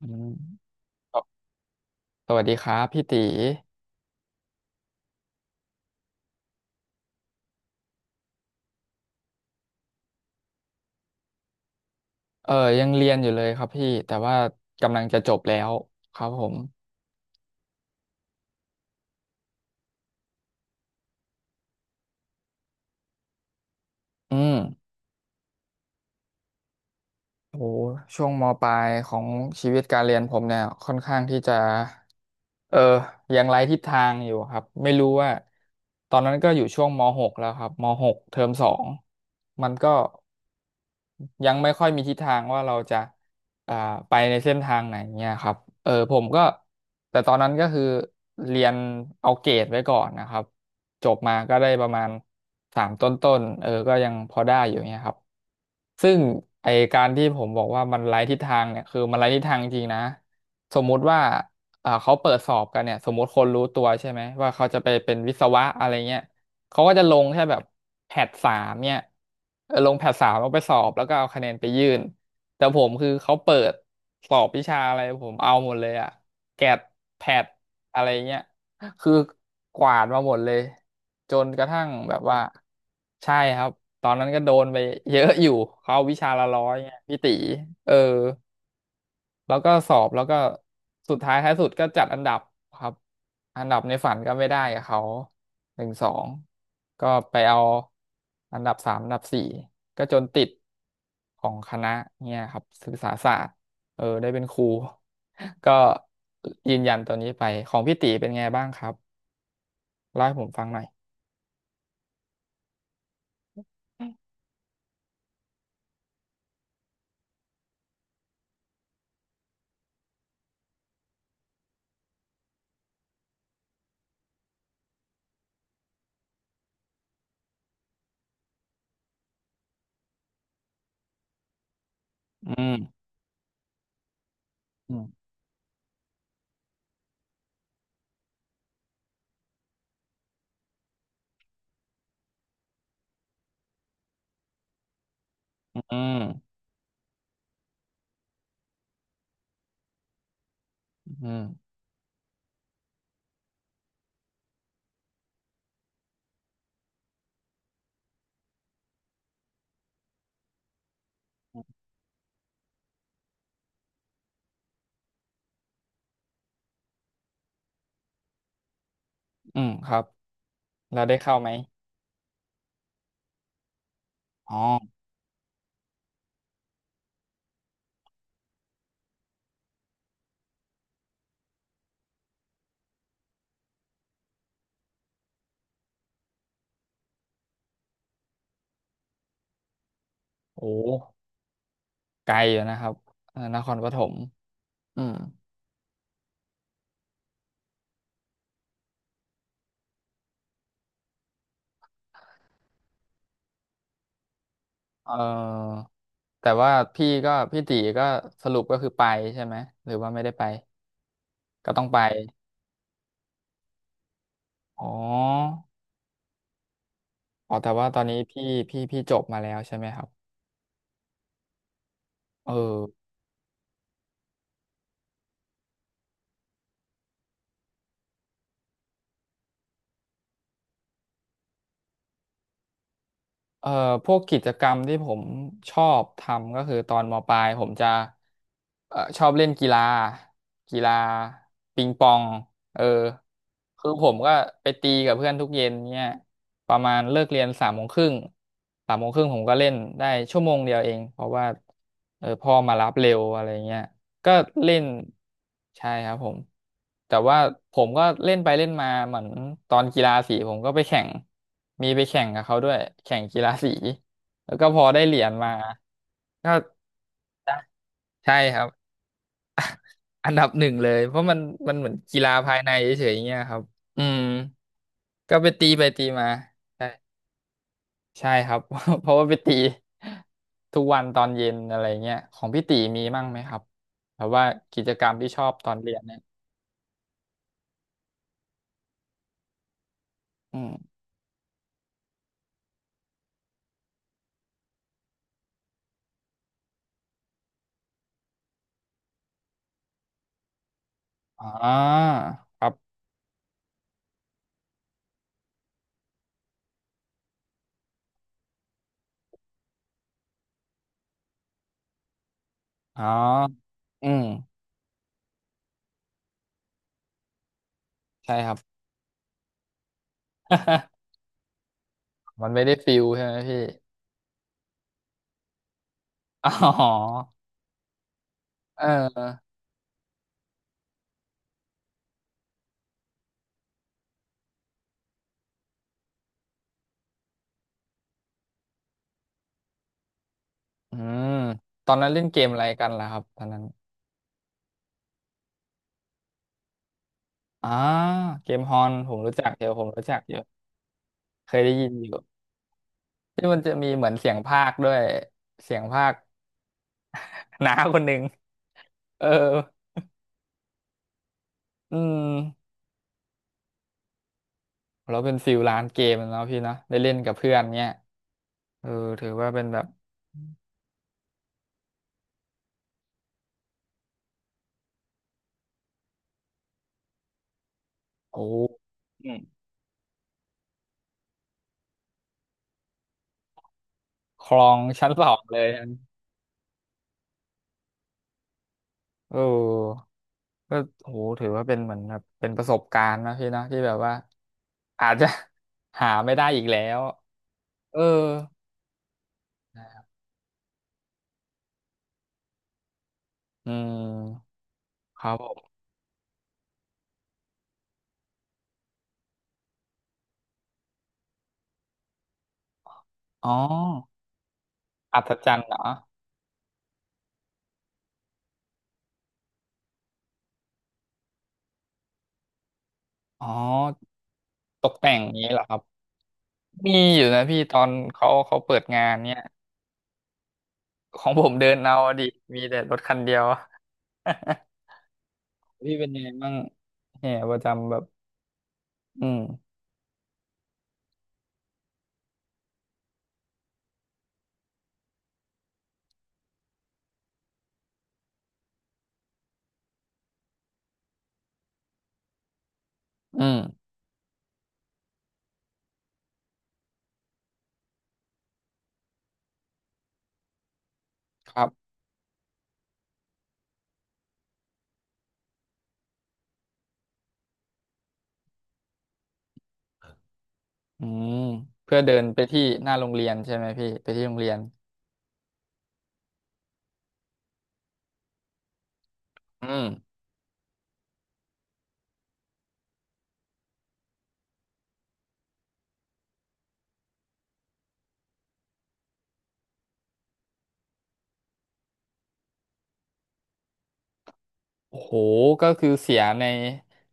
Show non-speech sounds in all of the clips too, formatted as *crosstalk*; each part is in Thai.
อืมสสวัสดีครับพี่ตีเออยังเรียนอยู่เลยครับพี่แต่ว่ากำลังจะจบแล้วครับผมอืมโอ้ช่วงมปลายของชีวิตการเรียนผมเนี่ยค่อนข้างที่จะเออยังไร้ทิศทางอยู่ครับไม่รู้ว่าตอนนั้นก็อยู่ช่วงมหกแล้วครับมหกเทอมสองมันก็ ยังไม่ค่อยมีทิศทางว่าเราจะอ่าไปในเส้นทางไหนเนี่ยครับผมก็แต่ตอนนั้นก็คือเรียนเอาเกรดไว้ก่อนนะครับ จบมาก็ได้ประมาณสามต้นๆก็ยังพอได้อยู่เนี่ยครับ ซึ่งไอการที่ผมบอกว่ามันไร้ทิศทางเนี่ยคือมันไร้ทิศทางจริงๆนะสมมุติว่าเขาเปิดสอบกันเนี่ยสมมุติคนรู้ตัวใช่ไหมว่าเขาจะไปเป็นวิศวะอะไรเงี้ยเขาก็จะลงแค่แบบแพทสามเนี่ยลงแพทสามแล้วไปสอบแล้วก็เอาคะแนนไปยื่นแต่ผมคือเขาเปิดสอบวิชาอะไรผมเอาหมดเลยอะแกดแพทอะไรเงี้ย คือกวาดมาหมดเลยจนกระทั่งแบบว่าใช่ครับตอนนั้นก็โดนไปเยอะอยู่เขาวิชาละร้อยไงพี่ตีเออแล้วก็สอบแล้วก็สุดท้ายท้ายสุดก็จัดอันดับครับอันดับในฝันก็ไม่ได้กับเขาหนึ่งสองก็ไปเอาอันดับสามอันดับสี่ก็จนติดของคณะเนี่ยครับศึกษาศาสตร์ได้เป็นครู *laughs* ก็ยืนยันตัวนี้ไปของพี่ตีเป็นไงบ้างครับ เล่าให้ผมฟังหน่อยอืมอืมอืมอืมอืมครับแล้วได้เข้าไหมอ๋อโอ้ไกลอยู่นะครับนครปฐมอืมเอ่อแต่ว่าพี่ก็พี่ตีก็สรุปก็คือไปใช่ไหม หรือว่าไม่ได้ไปก็ต้องไป อ๋ออ๋อแต่ว่าตอนนี้พี่พี่จบมาแล้วใช่ไหมครับเออ เอ่อพวกกิจกรรมที่ผมชอบทำก็คือตอนมปลายผมจะชอบเล่นกีฬากีฬาปิงปองเออคือผมก็ไปตีกับเพื่อนทุกเย็นเนี่ยประมาณเลิกเรียนสามโมงครึ่งสามโมงครึ่งผมก็เล่นได้ชั่วโมงเดียวเองเพราะว่าพ่อมารับเร็วอะไรเงี้ย ก็เล่นใช่ครับผมแต่ว่าผมก็เล่นไปเล่นมาเหมือนตอนกีฬาสีผมก็ไปแข่งมีไปแข่งกับเขาด้วยแข่งกีฬาสีแล้วก็พอได้เหรียญมาก็ใช่ครับ *laughs* อันดับหนึ่งเลยเพราะมันมันเหมือนกีฬาภายในเฉยๆอย่างเงี้ยครับอืมก็ไปตีไปตีมาใช่ใช่ครับ *laughs* เพราะว่าไปตีทุกวันตอนเย็นอะไรเงี้ยของพี่ตีมีมั่งไหมครับแบบว่ากิจกรรมที่ชอบตอนเรียนเนี่ยอืม อ่าครับอ๋ออืมใช่ครับ *laughs* มันไม่ได้ฟิลใช่ไหมพี่อ๋อเอออืมตอนนั้นเล่นเกมอะไรกันล่ะครับตอนนั้นอ่าเกมฮอนผมรู้จักเดี๋ยวผมรู้จักอยู่เคยได้ยินอยู่ที่มันจะมีเหมือนเสียงพากย์ด้วยเสียงพากย์น้าคนหนึ่งเอออืมเราเป็นฟิลร้านเกมแล้วพี่เนอะได้เล่นกับเพื่อนเนี้ยเออถือว่าเป็นแบบโอ้อืมครองชั้นสองเลย เออก็โหถือว่าเป็นเหมือนแบบเป็นประสบการณ์นะพี่นะที่แบบว่าอาจจะ *laughs* หาไม่ได้อีกแล้วเอออืมครับผมอ๋ออัศจรรย์เหรออ๋อตกแต่งอย่างนี้เหรอครับมีอยู่นะพี่ตอนเขาเขาเปิดงานเนี่ยของผมเดินเอาอะดิมีแต่รถคันเดียว *laughs* พี่เป็นยังไงบ้างแห่ประจำแบบอืมอืมครับอืมเพื่อเดินไปที่หน้าโรงเรียนใช่ไหมพี่ไปที่โรงเรียนอืม โอ้โหก็คือเสียใน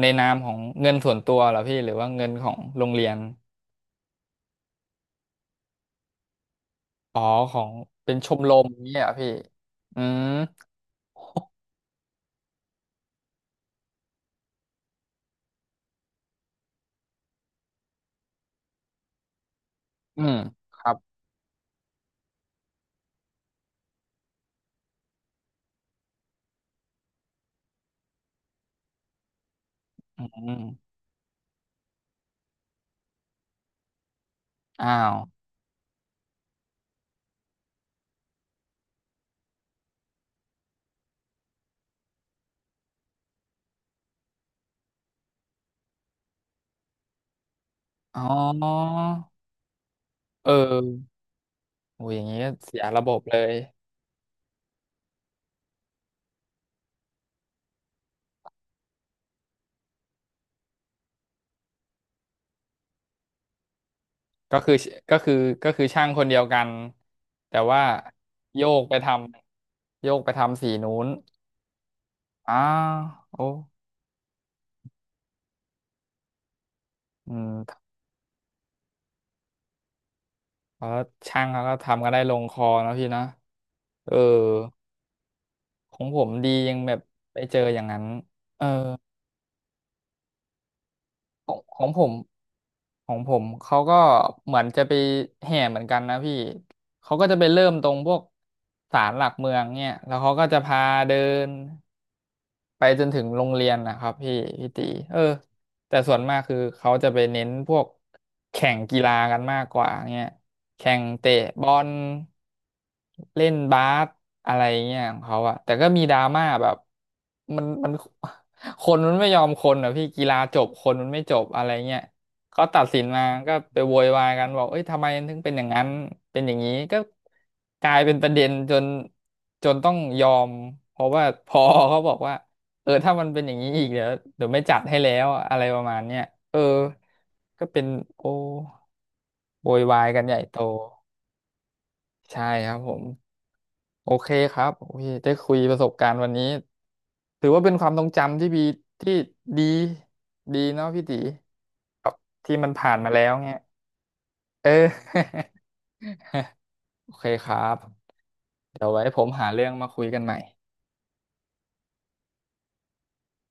ในนามของเงินส่วนตัวเหรอพี่หรือว่าเงินของโรงเรียนอ๋อของเป็นชมรมนี้ยเหรอพี่อืมอืมครับอืมอ้าวอ๋อเออโอ้ยอย่างนี้ก็เสียระบบเลยก็คือก็คือก็คือช่างคนเดียวกันแต่ว่าโยกไปทำโยกไปทำสีนู้นอ้าวโอ้อืมแล้วช่างเขาก็ทำกันได้ลงคอนะพี่นะเออ ของผมดียังแบบไปเจออย่างนั้นเออของผมของผมเขาก็เหมือนจะไปแห่เหมือนกันนะพี่เขาก็จะไปเริ่มตรงพวกศาลหลักเมืองเนี่ยแล้วเขาก็จะพาเดิน ไปจนถึงโรงเรียนนะครับพี่พี่ตีเออแต่ส่วนมากคือเขาจะไปเน้นพวกแข่งกีฬากันมากกว่าเงี้ยแข่งเตะบอลเล่นบาสอะไรเงี้ยของเขาอะแต่ก็มีดราม่าแบบมันมัน *laughs* คนมันไม่ยอมคนอะพี่กีฬาจบคนมันไม่จบอะไรเงี้ยเขาตัดสินมาก็ไปโวยวายกันบอกเอ้ยทำไมถึงเป็นอย่างนั้นเป็นอย่างนี้ก็กลายเป็นประเด็นจนจนต้องยอมเพราะว่าพอเขาบอกว่า ถ้ามันเป็นอย่างนี้อีกเดี๋ยวเดี๋ยวไม่จัดให้แล้วอะอะไรประมาณเนี้ยเออก็เป็นโอโวยวายกันใหญ่โตใช่ครับผมโอเคครับโอเคได้คุยประสบการณ์วันนี้ถือว่าเป็นความทรงจำที่ดีที่ดีดีเนาะพี่ตีครับที่มันผ่านมาแล้วเนี่ยเออ *laughs* โอเคครับเดี๋ยวไว้ผมหาเรื่องมาคุยกันใหม่